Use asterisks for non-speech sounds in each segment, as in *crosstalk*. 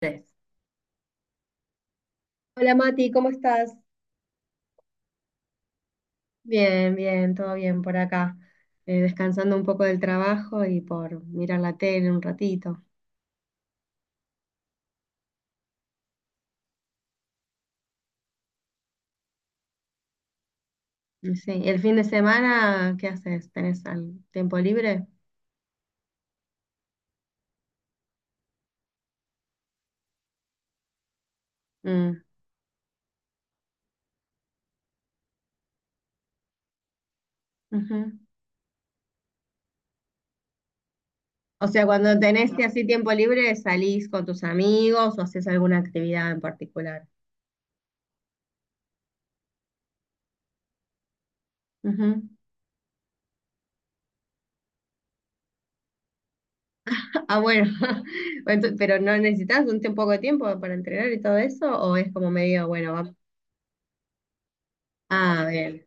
Tres. Hola Mati, ¿cómo estás? Bien, bien, todo bien por acá. Descansando un poco del trabajo y por mirar la tele un ratito. Y sí. ¿El fin de semana qué haces? ¿Tenés al tiempo libre? Mm. Ujú. O sea, cuando tenés que así tiempo libre, salís con tus amigos o haces alguna actividad en particular. Ujú. *laughs* Ah, bueno. *laughs* Entonces, pero ¿no necesitas un poco de tiempo para entrenar y todo eso? ¿O es como medio, bueno, vamos? Ah, bien.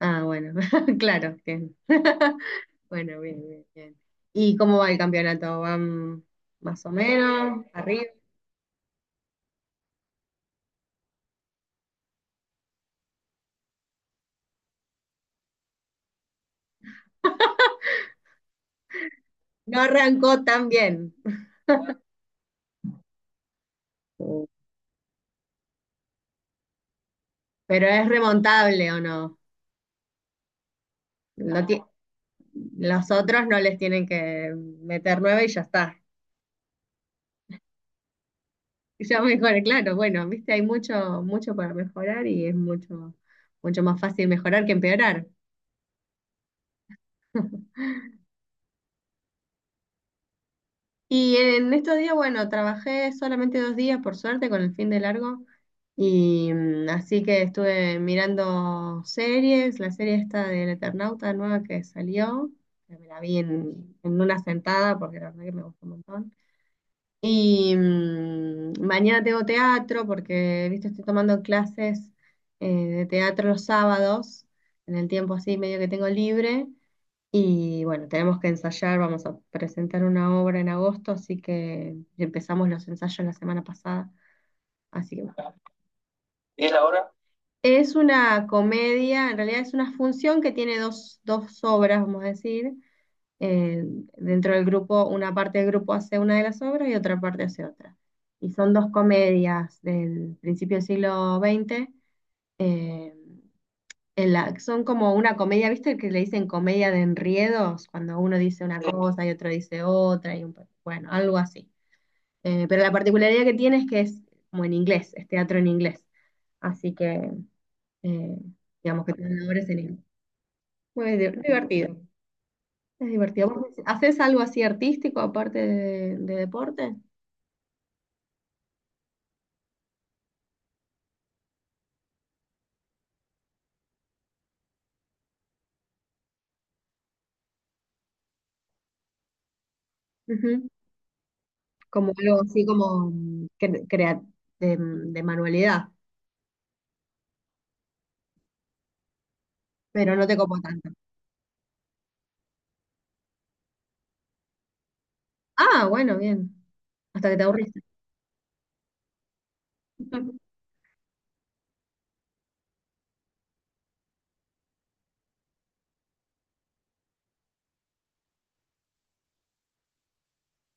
Ah, bueno, *laughs* claro, bien. *laughs* Bueno, bien, bien, bien. ¿Y cómo va el campeonato? ¿Van más o menos? ¿Arriba? No arrancó tan bien, pero ¿es remontable o no? No ti- los otros no les tienen que meter 9 y ya está. *laughs* Y ya mejoré, claro, bueno, viste, hay mucho, mucho para mejorar y es mucho, mucho más fácil mejorar que empeorar. Y en estos días, bueno, trabajé solamente 2 días, por suerte, con el fin de largo. Y así que estuve mirando series, la serie esta del Eternauta nueva que salió, que me la vi en una sentada porque la verdad que me gustó un montón. Y mañana tengo teatro porque, viste, estoy tomando clases de teatro los sábados, en el tiempo así medio que tengo libre. Y bueno, tenemos que ensayar, vamos a presentar una obra en agosto, así que empezamos los ensayos la semana pasada. Así que bueno. ¿Y es la hora? Es una comedia, en realidad es una función que tiene dos obras, vamos a decir. Eh, Dentro del grupo, una parte del grupo hace una de las obras y otra parte hace otra. Y son dos comedias del principio del siglo XX. eh, son como una comedia, ¿viste que le dicen comedia de enriedos? Cuando uno dice una, sí, cosa y otro dice otra, y bueno, algo así. Pero la particularidad que tiene es que es como en inglés, es teatro en inglés. Así que, eh, digamos que tiene valores en inglés. Muy divertido, es divertido. ¿Vos haces algo así artístico aparte de deporte? Ujú. Como algo así como de manualidad, pero no te copo tanto. Ah, bueno, bien. Hasta que te aburriste. *laughs*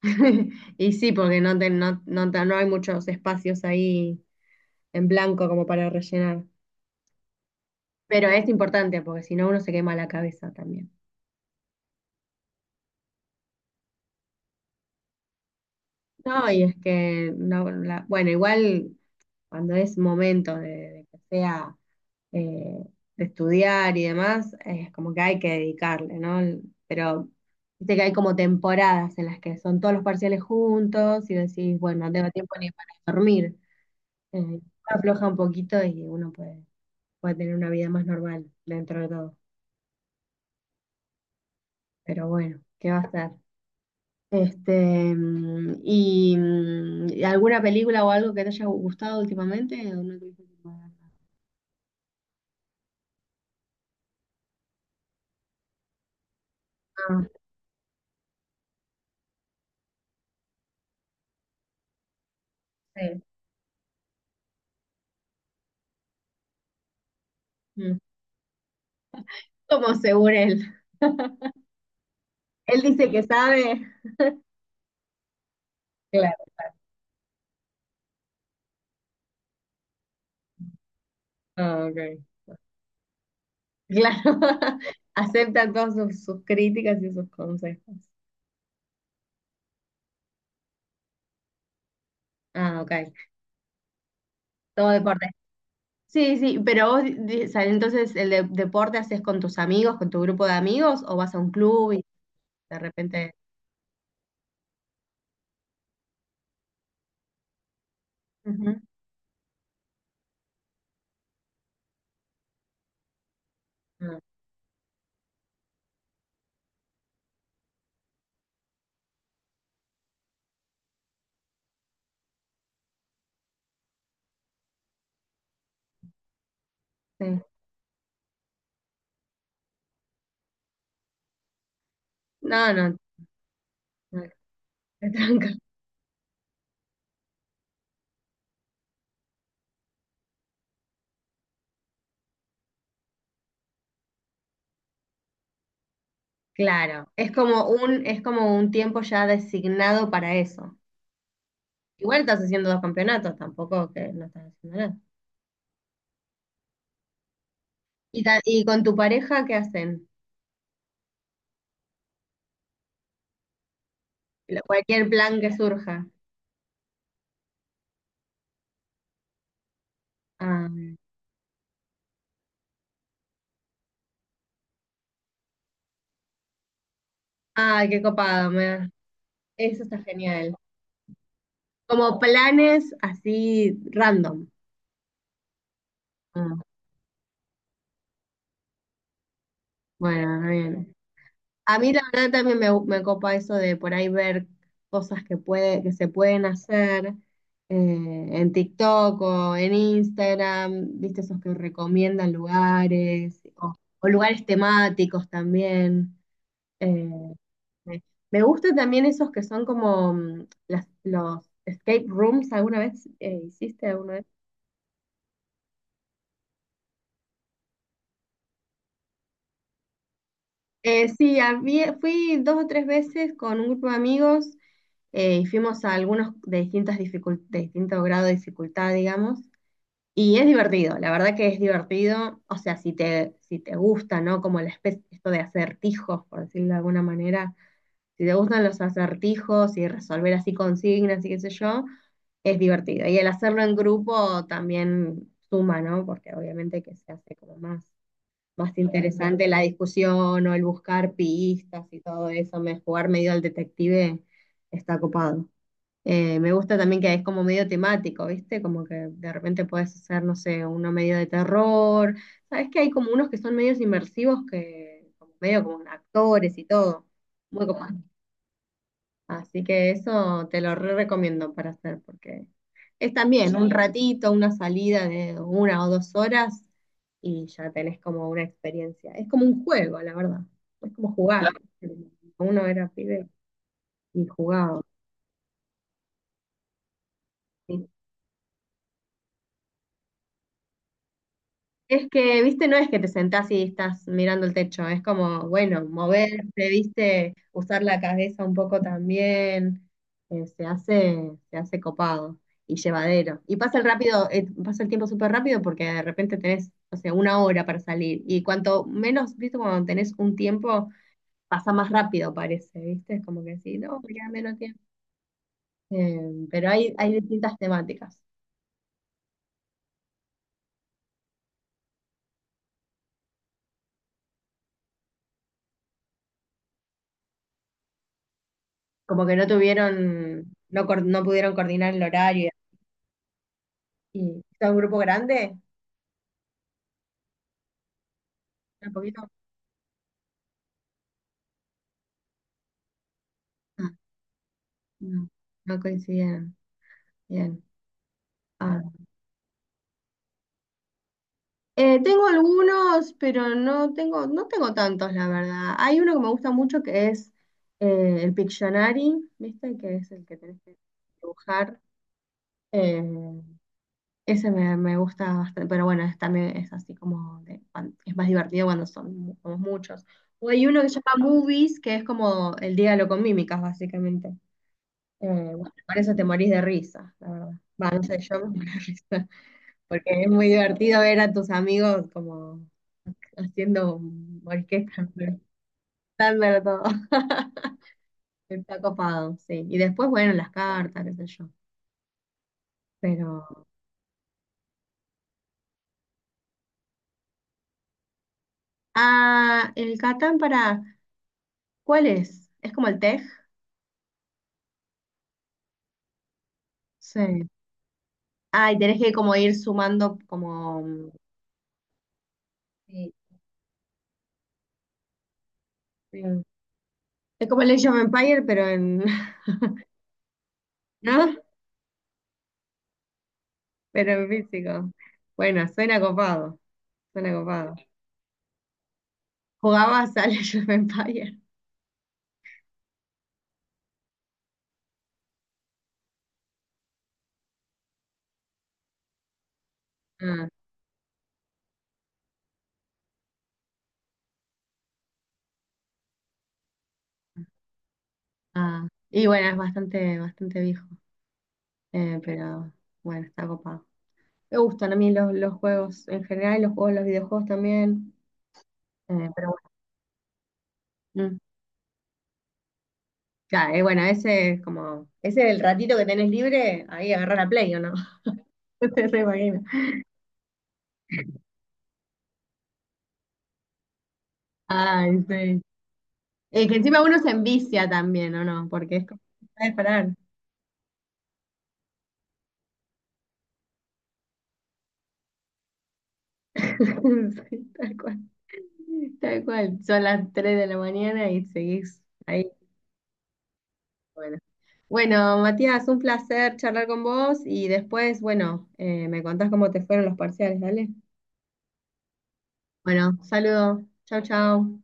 *laughs* Y sí, porque no, no, no, no hay muchos espacios ahí en blanco como para rellenar. Pero es importante porque si no uno se quema la cabeza también. No, y es que, no, bueno, igual cuando es momento de, que sea eh, de estudiar y demás, es como que hay que dedicarle, ¿no? Pero viste que hay como temporadas en las que son todos los parciales juntos y decís, bueno, no tengo tiempo ni para dormir. Eh, Afloja un poquito y uno puede. Pueda tener una vida más normal dentro de todo. Pero bueno, ¿qué va a estar? Este, ¿y alguna película o algo que te haya gustado últimamente? ¿O no tuviste tiempo de verla? Ah, sí. Mm. Como según él. Él dice que sabe. Claro. Ah, ok. Claro. *laughs* Acepta todas sus críticas y sus consejos. Ah, ok. Todo deporte. Sí, sí, pero vos, o sea, entonces, ¿el deporte haces con tus amigos, con tu grupo de amigos, o vas a un club y de repente...? Ujú. Ah, sí. No, no, no, te tranca. *laughs* Claro, es como un tiempo ya designado para eso. Igual estás haciendo dos campeonatos, tampoco que no estás haciendo nada. ¿Y con tu pareja qué hacen? Cualquier plan que surja. Ah, ay, qué copado, eso está genial. Como planes así random. Ah, bueno, está bien. A mí la verdad también me copa eso de por ahí ver cosas que que se pueden hacer en TikTok o en Instagram, viste esos que recomiendan lugares o lugares temáticos también. Eh, me me gusta también esos que son como los escape rooms, ¿alguna vez hiciste alguna vez? Sí, fui 2 o 3 veces con un grupo de amigos y fuimos a algunos de distinto grado de dificultad, digamos. Y es divertido, la verdad que es divertido, o sea, si te gusta, ¿no? Como la especie, esto de acertijos, por decirlo de alguna manera, si te gustan los acertijos y resolver así consignas y qué sé yo, es divertido. Y el hacerlo en grupo también suma, ¿no? Porque obviamente que se hace como más interesante la discusión o el buscar pistas y todo eso, jugar medio al detective está copado. Me gusta también que es como medio temático, ¿viste? Como que de repente puedes hacer, no sé, uno medio de terror. Sabes que hay como unos que son medios inmersivos que, como medio como actores y todo. Muy copado. Así que eso te lo re recomiendo para hacer, porque es también un ratito, una salida de 1 o 2 horas y ya tenés como una experiencia. Es como un juego, la verdad. Es como jugar. Uno era pibe y jugaba. ¿Sí? Es que, viste, no es que te sentás y estás mirando el techo, es como, bueno, moverse, viste, usar la cabeza un poco también, se hace copado y llevadero. Y pasa el tiempo súper rápido porque de repente tenés, o sea, una hora para salir. Y cuanto menos, viste, cuando tenés un tiempo, pasa más rápido, parece, viste, es como que sí, no, me queda menos tiempo. Eh, pero hay distintas temáticas. Como que no tuvieron, no, no pudieron coordinar el horario. Y está un grupo grande, un poquito. Ah, no, no coincidieron. Bien. Ah. Tengo algunos, pero no tengo tantos, la verdad. Hay uno que me gusta mucho que es el Pictionary, ¿viste? Que es el que tenés que dibujar. Eh, Ese me gusta bastante, pero bueno, también es así como es más divertido cuando son somos muchos. O hay uno que se llama Movies, que es como el diálogo con mímicas, básicamente. Eh, bueno, con eso te morís de risa, la verdad. Va, no sé, yo me muero de risa, *laughs* porque es muy divertido ver a tus amigos como haciendo orquesta, dándolo todo. *laughs* Está copado, sí. Y después, bueno, las cartas, qué sé yo. Pero. Ah, el Catán para. ¿Cuál es? ¿Es como el Tej? Sí. Ah, y tenés que como ir sumando como. Sí, sí. Es como el Age of Empire, pero en. *laughs* ¿No? Pero en físico. Bueno, suena copado. Suena copado. Jugabas al Age of Empires. Mm. Ah, y bueno, es bastante, bastante viejo, pero bueno, está copado. Me gustan a mí los juegos en general, y los videojuegos también, pero bueno. Mm. Claro, bueno, ese es el ratito que tenés libre, ahí agarrar la Play, ¿o no? *laughs* No te re imagino. Ay, sí. Que encima uno se envicia también, ¿o no? Porque es como, no sabes parar. *laughs* Sí, tal cual, tal cual. Son las 3 de la mañana y seguís ahí. Bueno. Bueno, Matías, un placer charlar con vos y después, bueno, me contás cómo te fueron los parciales, dale. Bueno, saludos. Chau, chau.